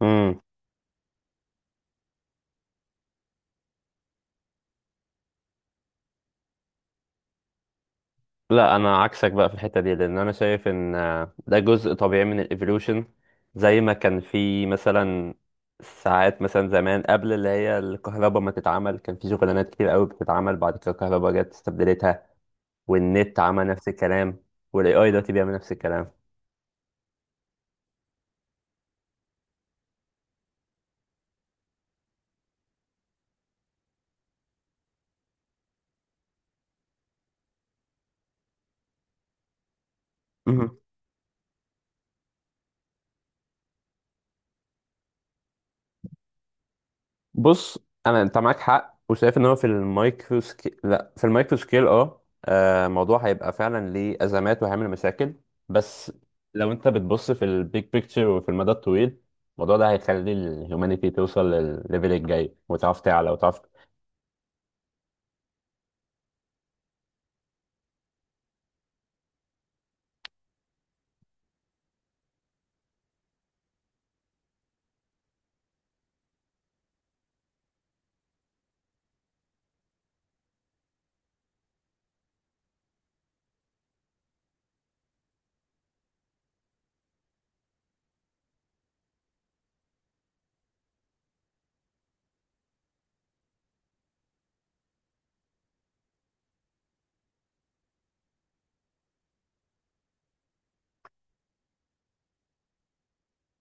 امم لا، انا عكسك بقى في الحته دي، لان انا شايف ان ده جزء طبيعي من الايفولوشن. زي ما كان في مثلا ساعات، مثلا زمان قبل اللي هي الكهرباء ما تتعمل كان في شغلانات كتير قوي بتتعمل، بعد كده الكهرباء جت استبدلتها، والنت عمل نفس الكلام، والاي اي دلوقتي بيعمل نفس الكلام. بص، انت معاك حق، وشايف ان هو في المايكرو سكيل، لا في المايكرو سكيل، الموضوع هيبقى فعلا ليه ازمات وهيعمل مشاكل. بس لو انت بتبص في البيج بيكتشر وفي المدى الطويل، الموضوع ده هيخلي الهيومانيتي توصل للليفل الجاي، وتعرف تعلى وتعرف.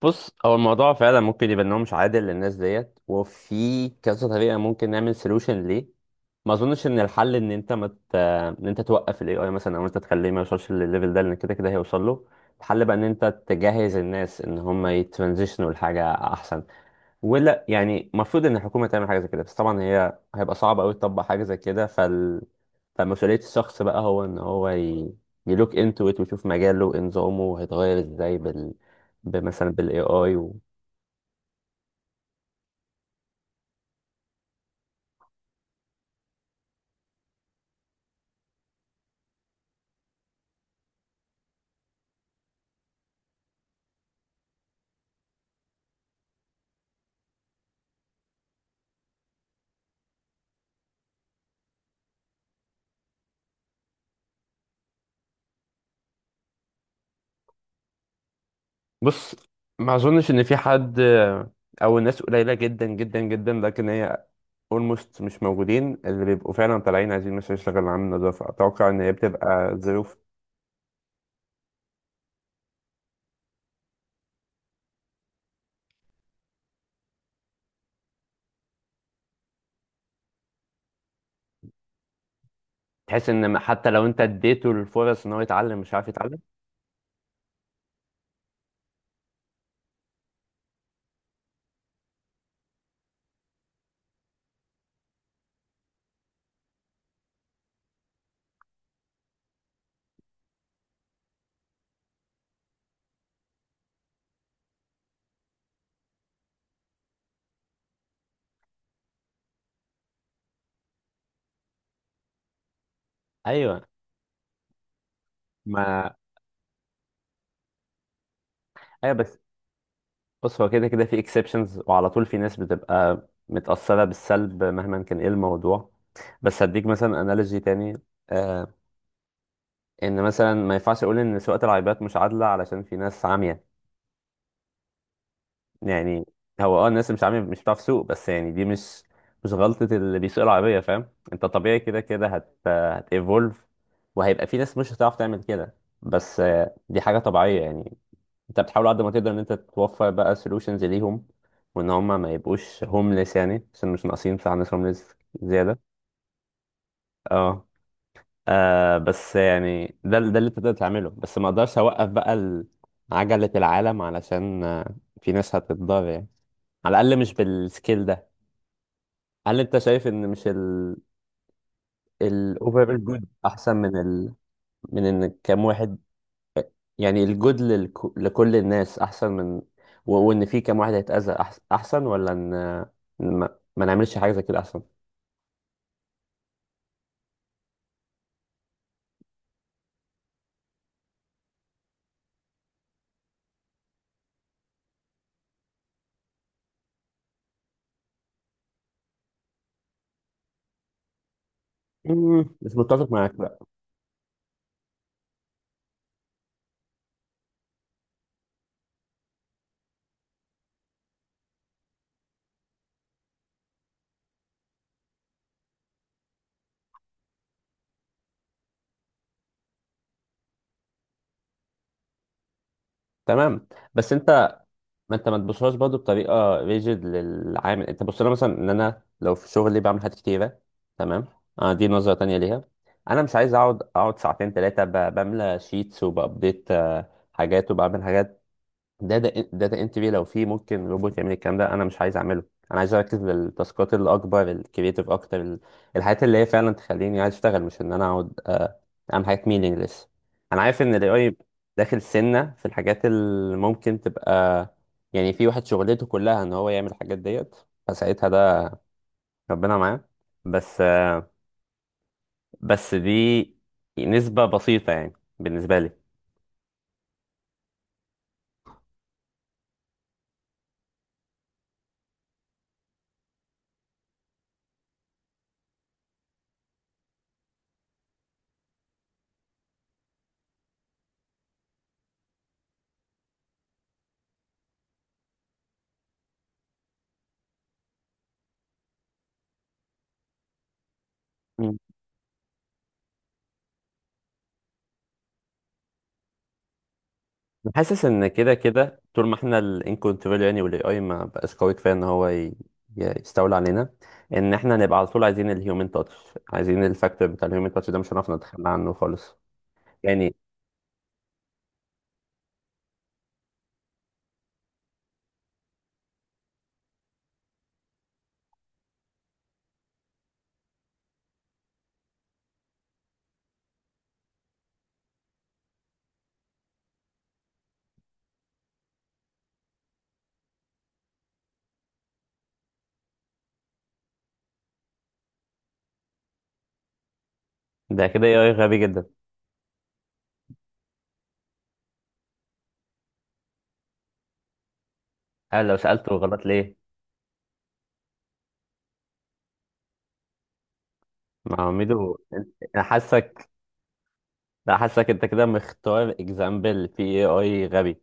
بص، هو الموضوع فعلا ممكن يبقى ان هو مش عادل للناس ديت، وفي كذا طريقه ممكن نعمل سولوشن ليه. ما اظنش ان الحل ان انت ان انت توقف الاي اي مثلا، او انت تخليه ما يوصلش للليفل ده، لان كده كده هيوصل له. الحل بقى ان انت تجهز الناس ان هم يترانزيشنوا لحاجه احسن. ولا يعني المفروض ان الحكومه تعمل حاجه زي كده، بس طبعا هي هيبقى صعب قوي تطبق حاجه زي كده فمسؤوليه الشخص بقى هو ان يلوك انتو ات، ويشوف مجاله نظامه هيتغير ازاي مثلا بالاي اي بص، ما اظنش ان في حد، او الناس قليله جدا جدا جدا، لكن هي اولموست مش موجودين، اللي بيبقوا فعلا طالعين عايزين مثلا يشتغل عامل نظافة. اتوقع ان هي بتبقى ظروف. تحس ان حتى لو انت اديته الفرص ان هو يتعلم مش عارف يتعلم؟ ايوه، ما ايوه. بس بص، هو كده كده في اكسبشنز، وعلى طول في ناس بتبقى متأثرة بالسلب مهما كان ايه الموضوع. بس هديك مثلا انالوجي تاني. آه، ان مثلا ما ينفعش اقول ان سواقة العربيات مش عادلة علشان في ناس عامية، يعني هو اه الناس اللي مش عامل مش بتعرف تسوق، بس يعني دي مش غلطة اللي بيسوق العربية، فاهم انت؟ طبيعي كده كده هت evolve، وهيبقى في ناس مش هتعرف تعمل كده. بس آه، دي حاجة طبيعية يعني. انت بتحاول قد ما تقدر ان انت توفر بقى solutions ليهم، وان هم ما يبقوش homeless، يعني عشان مش ناقصين بتاع ناس homeless زيادة. اه بس يعني ده اللي انت تقدر تعمله، بس ما اقدرش اوقف بقى عجلة العالم علشان في ناس هتتضرر يعني، على الاقل مش بالسكيل ده. هل انت شايف ان مش الاوفرال جود احسن من ال، من ان كام واحد؟ يعني الجود لكل الناس احسن من، وان في كام واحد هيتأذى احسن، ولا ان إن ما... ما نعملش حاجه زي كده احسن؟ مم. مش متفق معاك، لا. تمام. بس انت، ما انت ما تبصلهاش برضه بطريقه ريجيد للعامل. انت بص لها مثلا ان انا لو في شغلي بعمل حاجات كتيره. تمام. اه دي نظره تانية ليها. انا مش عايز اقعد ساعتين ثلاثه بملى شيتس وبابديت حاجات، وبعمل حاجات، داتا انتري. لو في ممكن روبوت يعمل الكلام ده انا مش عايز اعمله. انا عايز اركز للتاسكات اللي اكبر، الكرييتيف اكتر، الحاجات اللي هي فعلا تخليني عايز اشتغل، مش ان انا اقعد اعمل حاجات مينينجلس. انا عارف ان الاي اي داخل سنه في الحاجات اللي ممكن تبقى، يعني في واحد شغلته كلها ان هو يعمل الحاجات ديت، فساعتها ده ربنا معاه. بس آه، بس دي نسبه بسيطه يعني، بالنسبه لي. حاسس ان كده كده طول ما احنا الان كنترول، يعني والاي اي ما بقاش قوي كفايه ان يستولى علينا، ان احنا نبقى على طول عايزين الهيومن تاتش، عايزين الفاكتور بتاع الهيومن تاتش ده، مش هنعرف نتخلى عنه خالص. يعني ده كده اي اي غبي جدا. انا لو سالته غلط ليه؟ ما هو ميدو انا حاسك، انا حاسك انت كده مختار اكزامبل في اي اي غبي.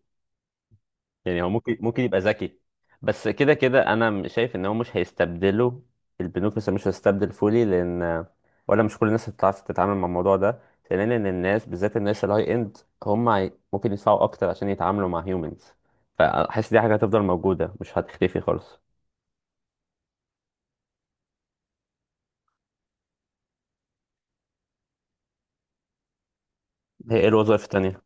يعني هو ممكن يبقى ذكي. بس كده كده انا شايف ان هو مش هيستبدله. البنوك مش هيستبدل فولي، لان ولا مش كل الناس هتعرف تتعامل مع الموضوع ده. ثانيا ان الناس، بالذات الناس الهاي اند، ممكن يدفعوا اكتر عشان يتعاملوا مع هيومنز. فحاسس دي حاجه هتفضل موجوده، مش هتختفي خالص. هي ايه الوظائف التانية؟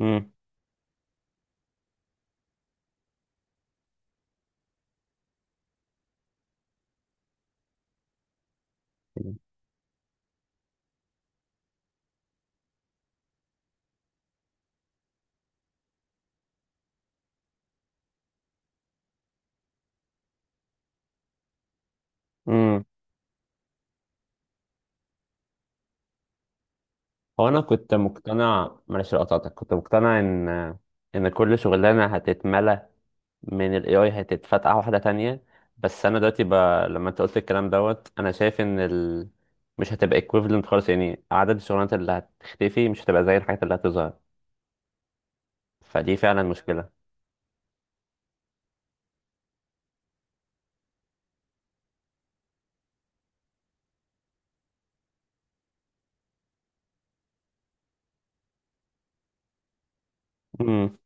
امم امم هو انا كنت مقتنع، معلش لو قطعتك، كنت مقتنع ان، ان كل شغلانه هتتملى من ال AI هتتفتح واحدة تانية. بس أنا دلوقتي لما أنت قلت الكلام دوت، أنا شايف إن مش هتبقى equivalent خالص، يعني عدد الشغلانات اللي هتختفي مش هتبقى زي الحاجات اللي هتظهر. فدي فعلا مشكلة. امم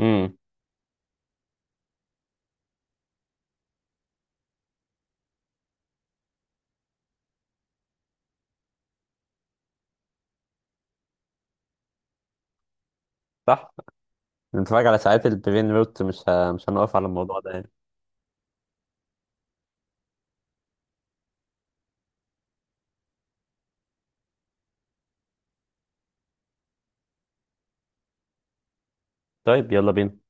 امم صح. نتفرج على ساعات البرين روت، مش مش هنقف على الموضوع ده يعني. طيب يلا بينا.